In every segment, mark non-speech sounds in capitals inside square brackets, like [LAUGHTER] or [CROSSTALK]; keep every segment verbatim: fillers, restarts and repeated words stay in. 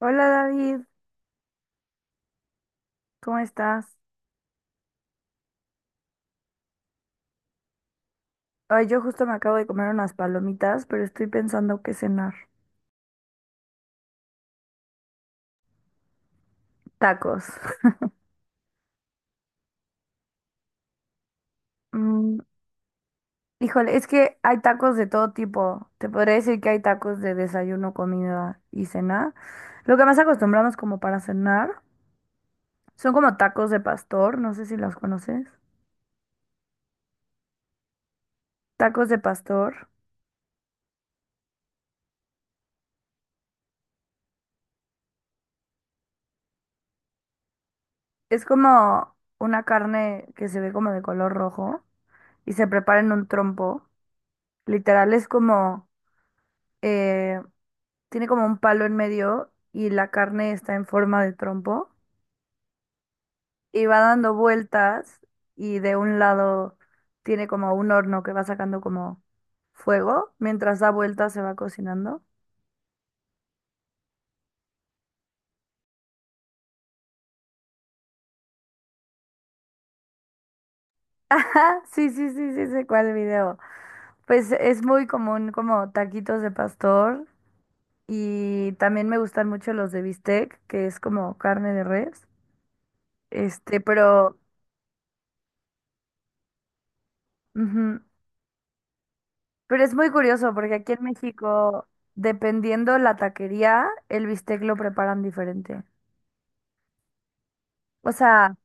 Hola David, ¿cómo estás? Ay, yo justo me acabo de comer unas palomitas, pero estoy pensando qué cenar. Tacos. [LAUGHS] Mm, híjole, es que hay tacos de todo tipo. Te podría decir que hay tacos de desayuno, comida y cena. Lo que más acostumbramos como para cenar son como tacos de pastor, no sé si los conoces. Tacos de pastor. Es como una carne que se ve como de color rojo y se prepara en un trompo. Literal es como eh, tiene como un palo en medio y la carne está en forma de trompo y va dando vueltas y de un lado tiene como un horno que va sacando como fuego. Mientras da vueltas se va cocinando. [LAUGHS] Ajá, sí, sí, sí, sí, sé cuál video. Pues es muy común como taquitos de pastor y también me gustan mucho los de bistec, que es como carne de res. Este, pero ujú. Pero es muy curioso porque aquí en México, dependiendo la taquería, el bistec lo preparan diferente. O sea,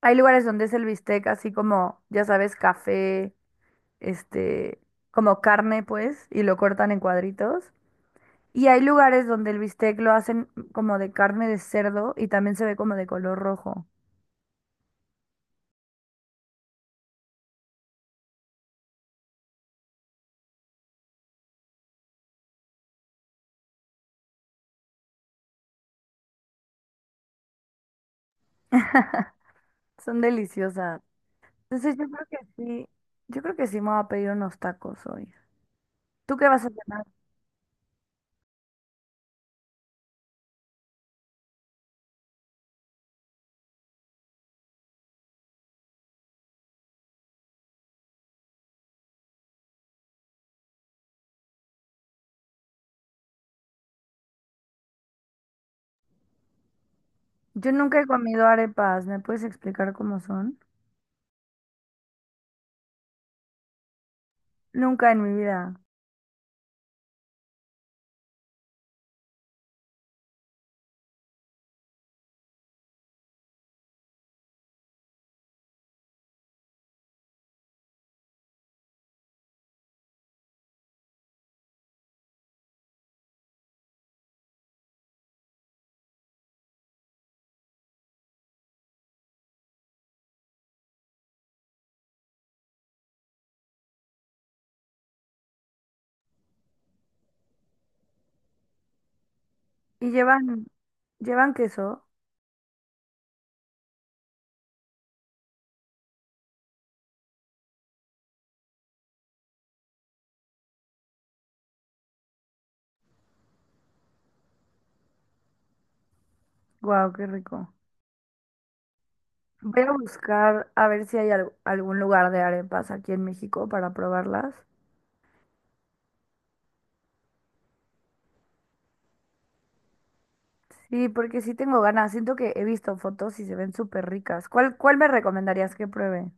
hay lugares donde es el bistec así como, ya sabes, café, este, como carne, pues, y lo cortan en cuadritos. Y hay lugares donde el bistec lo hacen como de carne de cerdo y también se ve como de color rojo. [LAUGHS] Son deliciosas. Entonces yo creo que sí, yo creo que sí me voy a pedir unos tacos hoy. ¿Tú qué vas a hacer? Yo nunca he comido arepas, ¿me puedes explicar cómo son? Nunca en mi vida. Y llevan, llevan queso. Guau, qué rico. Voy a buscar a ver si hay al- algún lugar de arepas aquí en México para probarlas. Sí, porque sí tengo ganas. Siento que he visto fotos y se ven súper ricas. ¿Cuál, cuál me recomendarías que pruebe?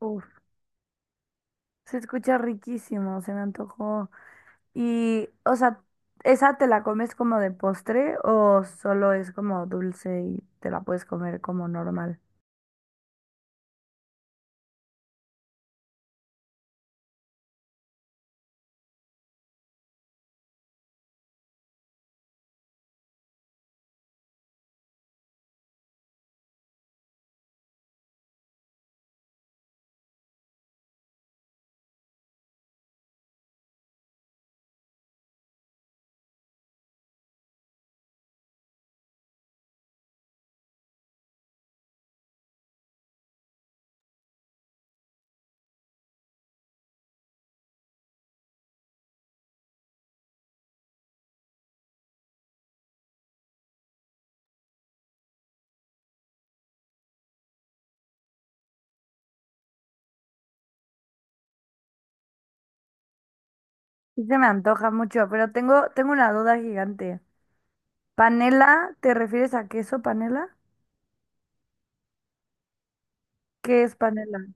Uf, se escucha riquísimo, se me antojó. Y, o sea, ¿esa te la comes como de postre o solo es como dulce y te la puedes comer como normal? Sí se me antoja mucho, pero tengo, tengo una duda gigante. ¿Panela? ¿Te refieres a queso panela? ¿Qué es panela?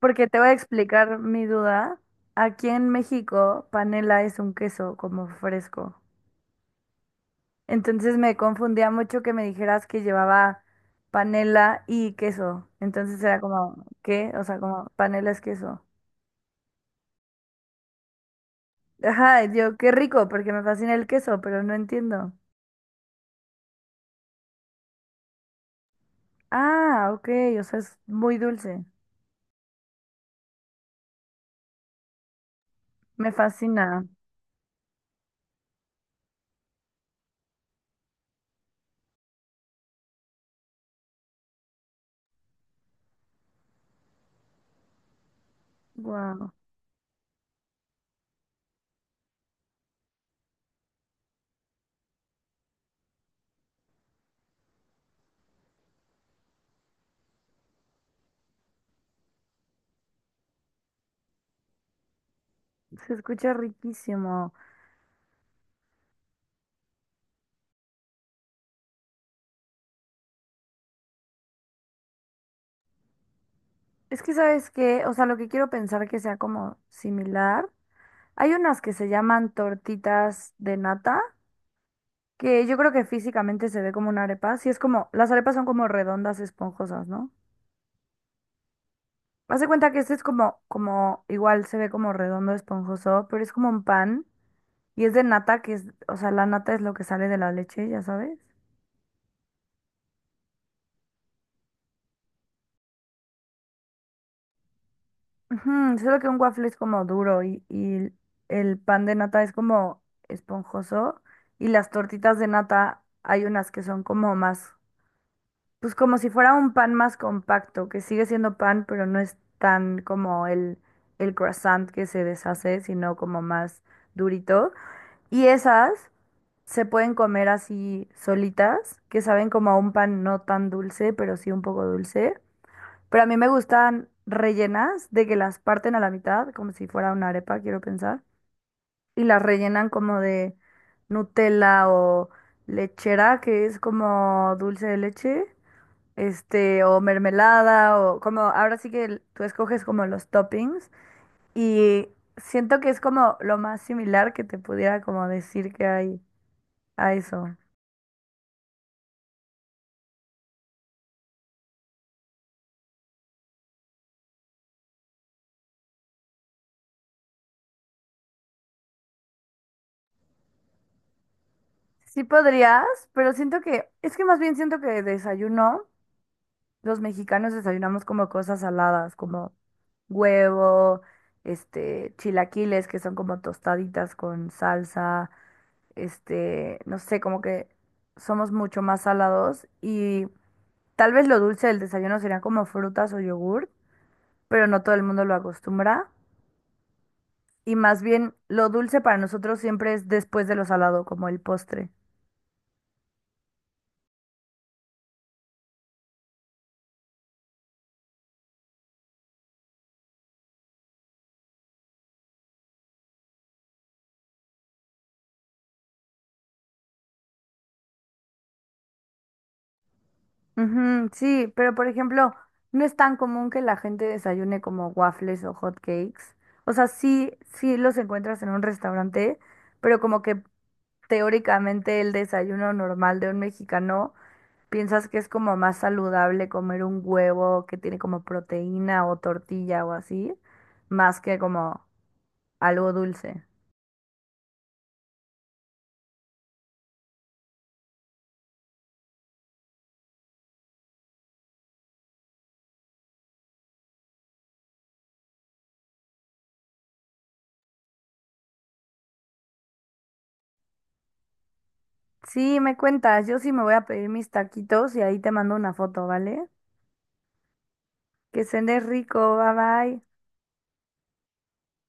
Porque te voy a explicar mi duda. Aquí en México, panela es un queso como fresco. Entonces me confundía mucho que me dijeras que llevaba panela y queso. Entonces era como, ¿qué? O sea, como panela es queso. Ajá, y yo, qué rico, porque me fascina el queso, pero no entiendo. Ah, ok, o sea, es muy dulce. Me fascina. Wow. Se escucha riquísimo. Es que sabes que, o sea, lo que quiero pensar que sea como similar. Hay unas que se llaman tortitas de nata, que yo creo que físicamente se ve como una arepa. Sí, es como, las arepas son como redondas, esponjosas, ¿no? Haz de cuenta que este es como, como, igual se ve como redondo, esponjoso, pero es como un pan y es de nata, que es, o sea, la nata es lo que sale de la leche, ya sabes. Ujú, solo que un waffle es como duro y, y el pan de nata es como esponjoso y las tortitas de nata hay unas que son como más, pues como si fuera un pan más compacto, que sigue siendo pan, pero no es tan como el, el croissant que se deshace, sino como más durito. Y esas se pueden comer así solitas, que saben como a un pan no tan dulce, pero sí un poco dulce. Pero a mí me gustan rellenas de que las parten a la mitad, como si fuera una arepa, quiero pensar. Y las rellenan como de Nutella o lechera, que es como dulce de leche, este, o mermelada, o como, ahora sí que el- tú escoges como los toppings. Y siento que es como lo más similar que te pudiera como decir que hay a eso. Sí podrías, pero siento que, es que más bien siento que desayuno. Los mexicanos desayunamos como cosas saladas, como huevo, este, chilaquiles, que son como tostaditas con salsa, este, no sé, como que somos mucho más salados y tal vez lo dulce del desayuno serían como frutas o yogur, pero no todo el mundo lo acostumbra. Y más bien, lo dulce para nosotros siempre es después de lo salado, como el postre. Ujú, sí, pero por ejemplo, no es tan común que la gente desayune como waffles o hot cakes. O sea, sí, sí los encuentras en un restaurante, pero como que teóricamente el desayuno normal de un mexicano, piensas que es como más saludable comer un huevo que tiene como proteína o tortilla o así, más que como algo dulce. Sí, me cuentas, yo sí me voy a pedir mis taquitos y ahí te mando una foto, ¿vale? Que cenes rico, bye bye.